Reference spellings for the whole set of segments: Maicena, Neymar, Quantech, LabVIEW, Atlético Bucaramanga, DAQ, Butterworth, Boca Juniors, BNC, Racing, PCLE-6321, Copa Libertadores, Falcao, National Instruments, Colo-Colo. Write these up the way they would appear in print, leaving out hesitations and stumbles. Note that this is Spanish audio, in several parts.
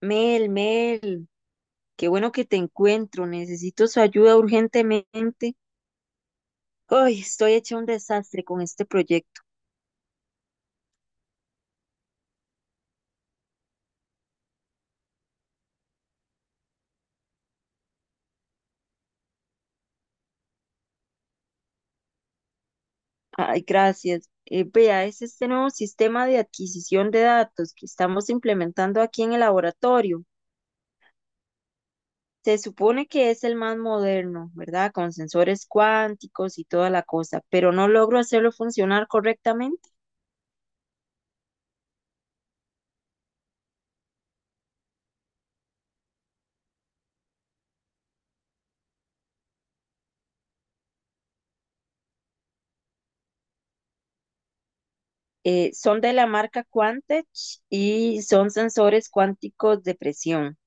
Mel, Mel, qué bueno que te encuentro. Necesito su ayuda urgentemente. Ay, estoy hecha un desastre con este proyecto. Ay, gracias. Vea, es este nuevo sistema de adquisición de datos que estamos implementando aquí en el laboratorio. Se supone que es el más moderno, ¿verdad? Con sensores cuánticos y toda la cosa, pero no logro hacerlo funcionar correctamente. Son de la marca Quantech y son sensores cuánticos de presión.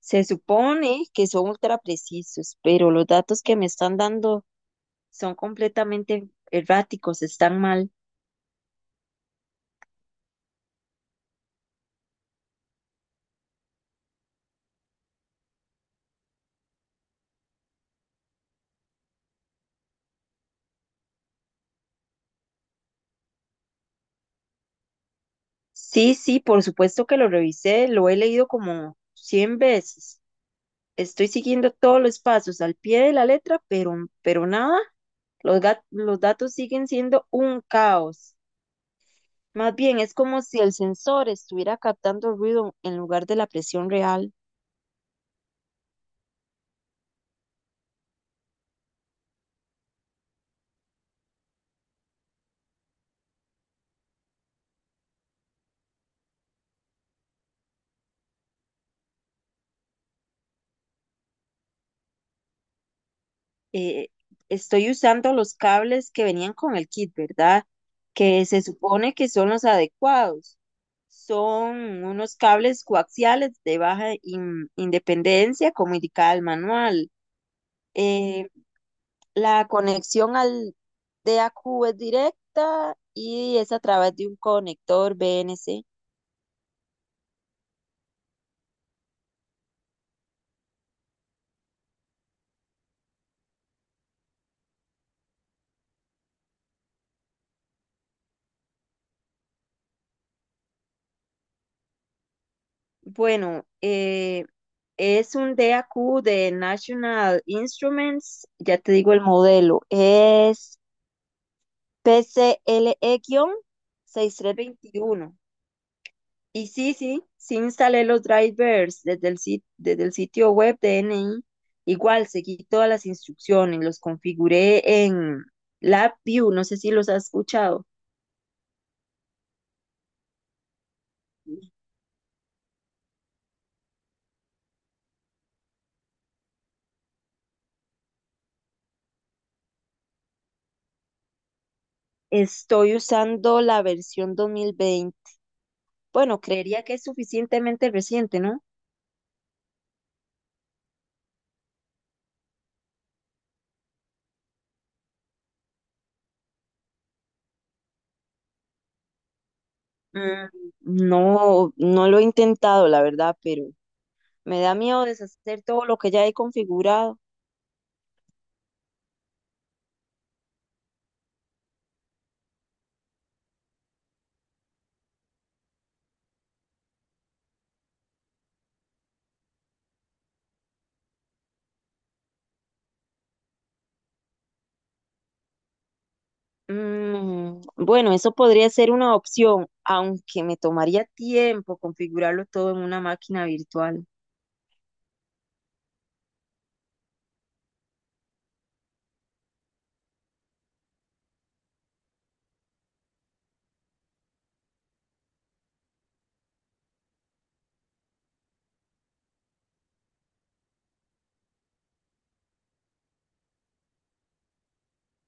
Se supone que son ultra precisos, pero los datos que me están dando son completamente erráticos, están mal. Sí, sí, por supuesto que lo revisé, lo he leído como 100 veces. Estoy siguiendo todos los pasos al pie de la letra, pero nada, los datos siguen siendo un caos. Más bien, es como si el sensor estuviera captando ruido en lugar de la presión real. eh, Estoy usando los cables que venían con el kit, ¿verdad? Que se supone que son los adecuados. Son unos cables coaxiales de baja independencia, como indicaba el manual. Eh, la conexión al DAQ es directa y es a través de un conector BNC. Bueno, es un DAQ de National Instruments, ya te digo el modelo, es P C L E seis PCLE-6321. Y sí, sí, sí instalé los drivers desde el sitio web de N I. Igual, seguí todas las instrucciones, los configuré en LabVIEW, no sé si los has escuchado. Estoy usando la versión 2020. Bueno, creería que es suficientemente reciente, ¿no? Mm, No, no lo he intentado, la verdad, pero me da miedo deshacer todo lo que ya he configurado. Bueno, eso podría ser una opción, aunque me tomaría tiempo configurarlo todo en una máquina virtual.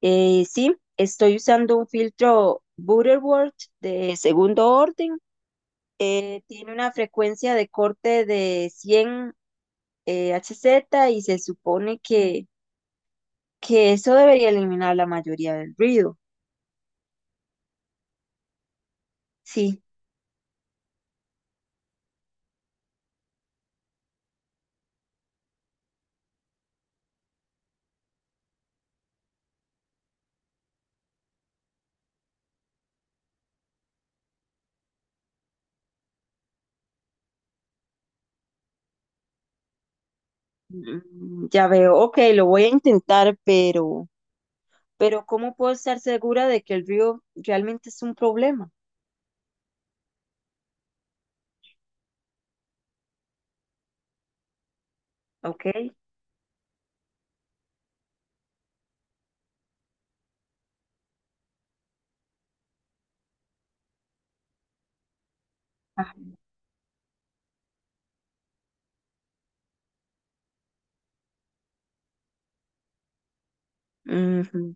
Sí, estoy usando un filtro Butterworth de segundo orden. Tiene una frecuencia de corte de 100 Hz y se supone que eso debería eliminar la mayoría del ruido. Sí, ya veo. Ok, lo voy a intentar, pero ¿cómo puedo estar segura de que el río realmente es un problema? ¿Ok? Ajá. Ujú.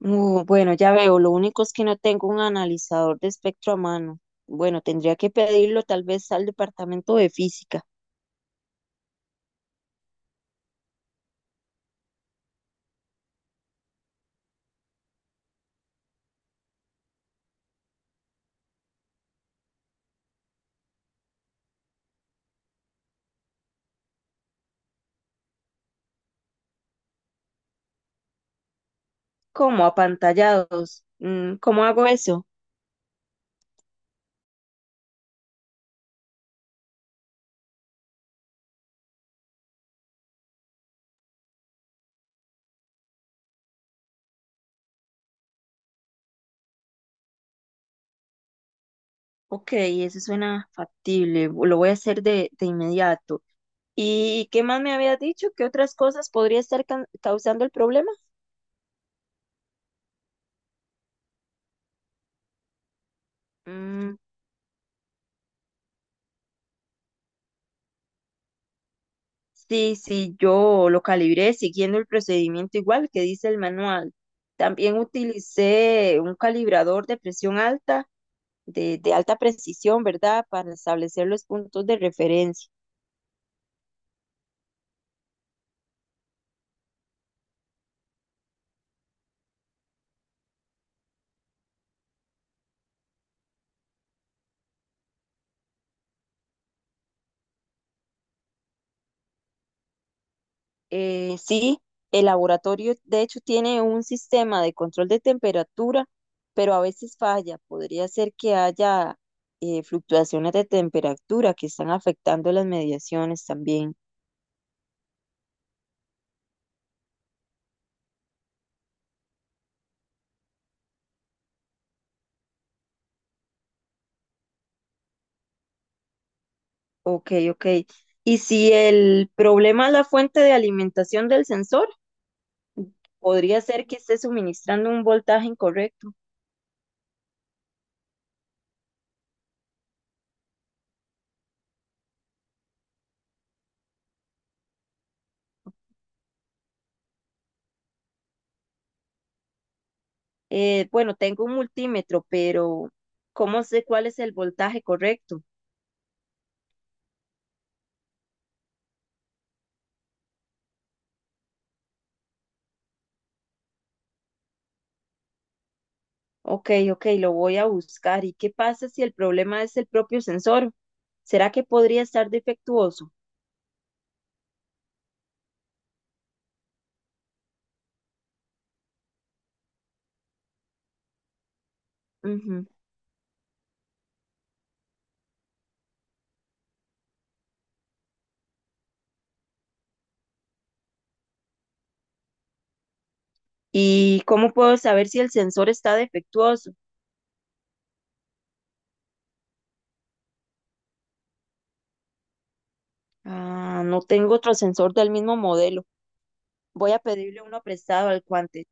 Bueno, ya veo, lo único es que no tengo un analizador de espectro a mano. Bueno, tendría que pedirlo tal vez al departamento de física. ¿Cómo? Apantallados. ¿Cómo hago eso? Ok, eso suena factible, lo voy a hacer de inmediato. ¿Y qué más me había dicho? ¿Qué otras cosas podría estar causando el problema? Mm, Sí, sí, yo lo calibré siguiendo el procedimiento igual que dice el manual. También utilicé un calibrador de presión alta, de alta precisión, ¿verdad? Para establecer los puntos de referencia. Sí, el laboratorio de hecho tiene un sistema de control de temperatura, pero a veces falla. Podría ser que haya fluctuaciones de temperatura que están afectando las mediaciones también. Ok, ok. Y si el problema es la fuente de alimentación del sensor, podría ser que esté suministrando un voltaje incorrecto. Bueno, tengo un multímetro, pero ¿cómo sé cuál es el voltaje correcto? Ok, ok, lo voy a buscar. ¿Y qué pasa si el problema es el propio sensor? ¿Será que podría estar defectuoso? Ujú. ¿Y cómo puedo saber si el sensor está defectuoso? Ah, no tengo otro sensor del mismo modelo. Voy a pedirle uno prestado al Quantech.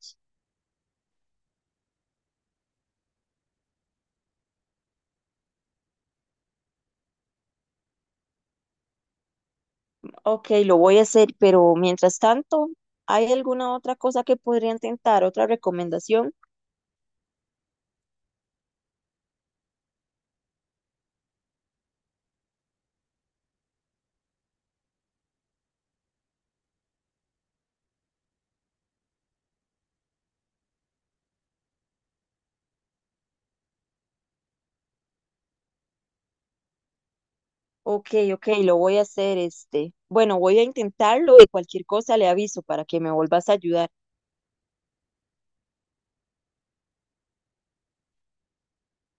Ok, lo voy a hacer, pero mientras tanto, ¿hay alguna otra cosa que podría intentar? ¿Otra recomendación? Ok, ok, lo voy a hacer este. Bueno, voy a intentarlo y cualquier cosa le aviso para que me vuelvas a ayudar.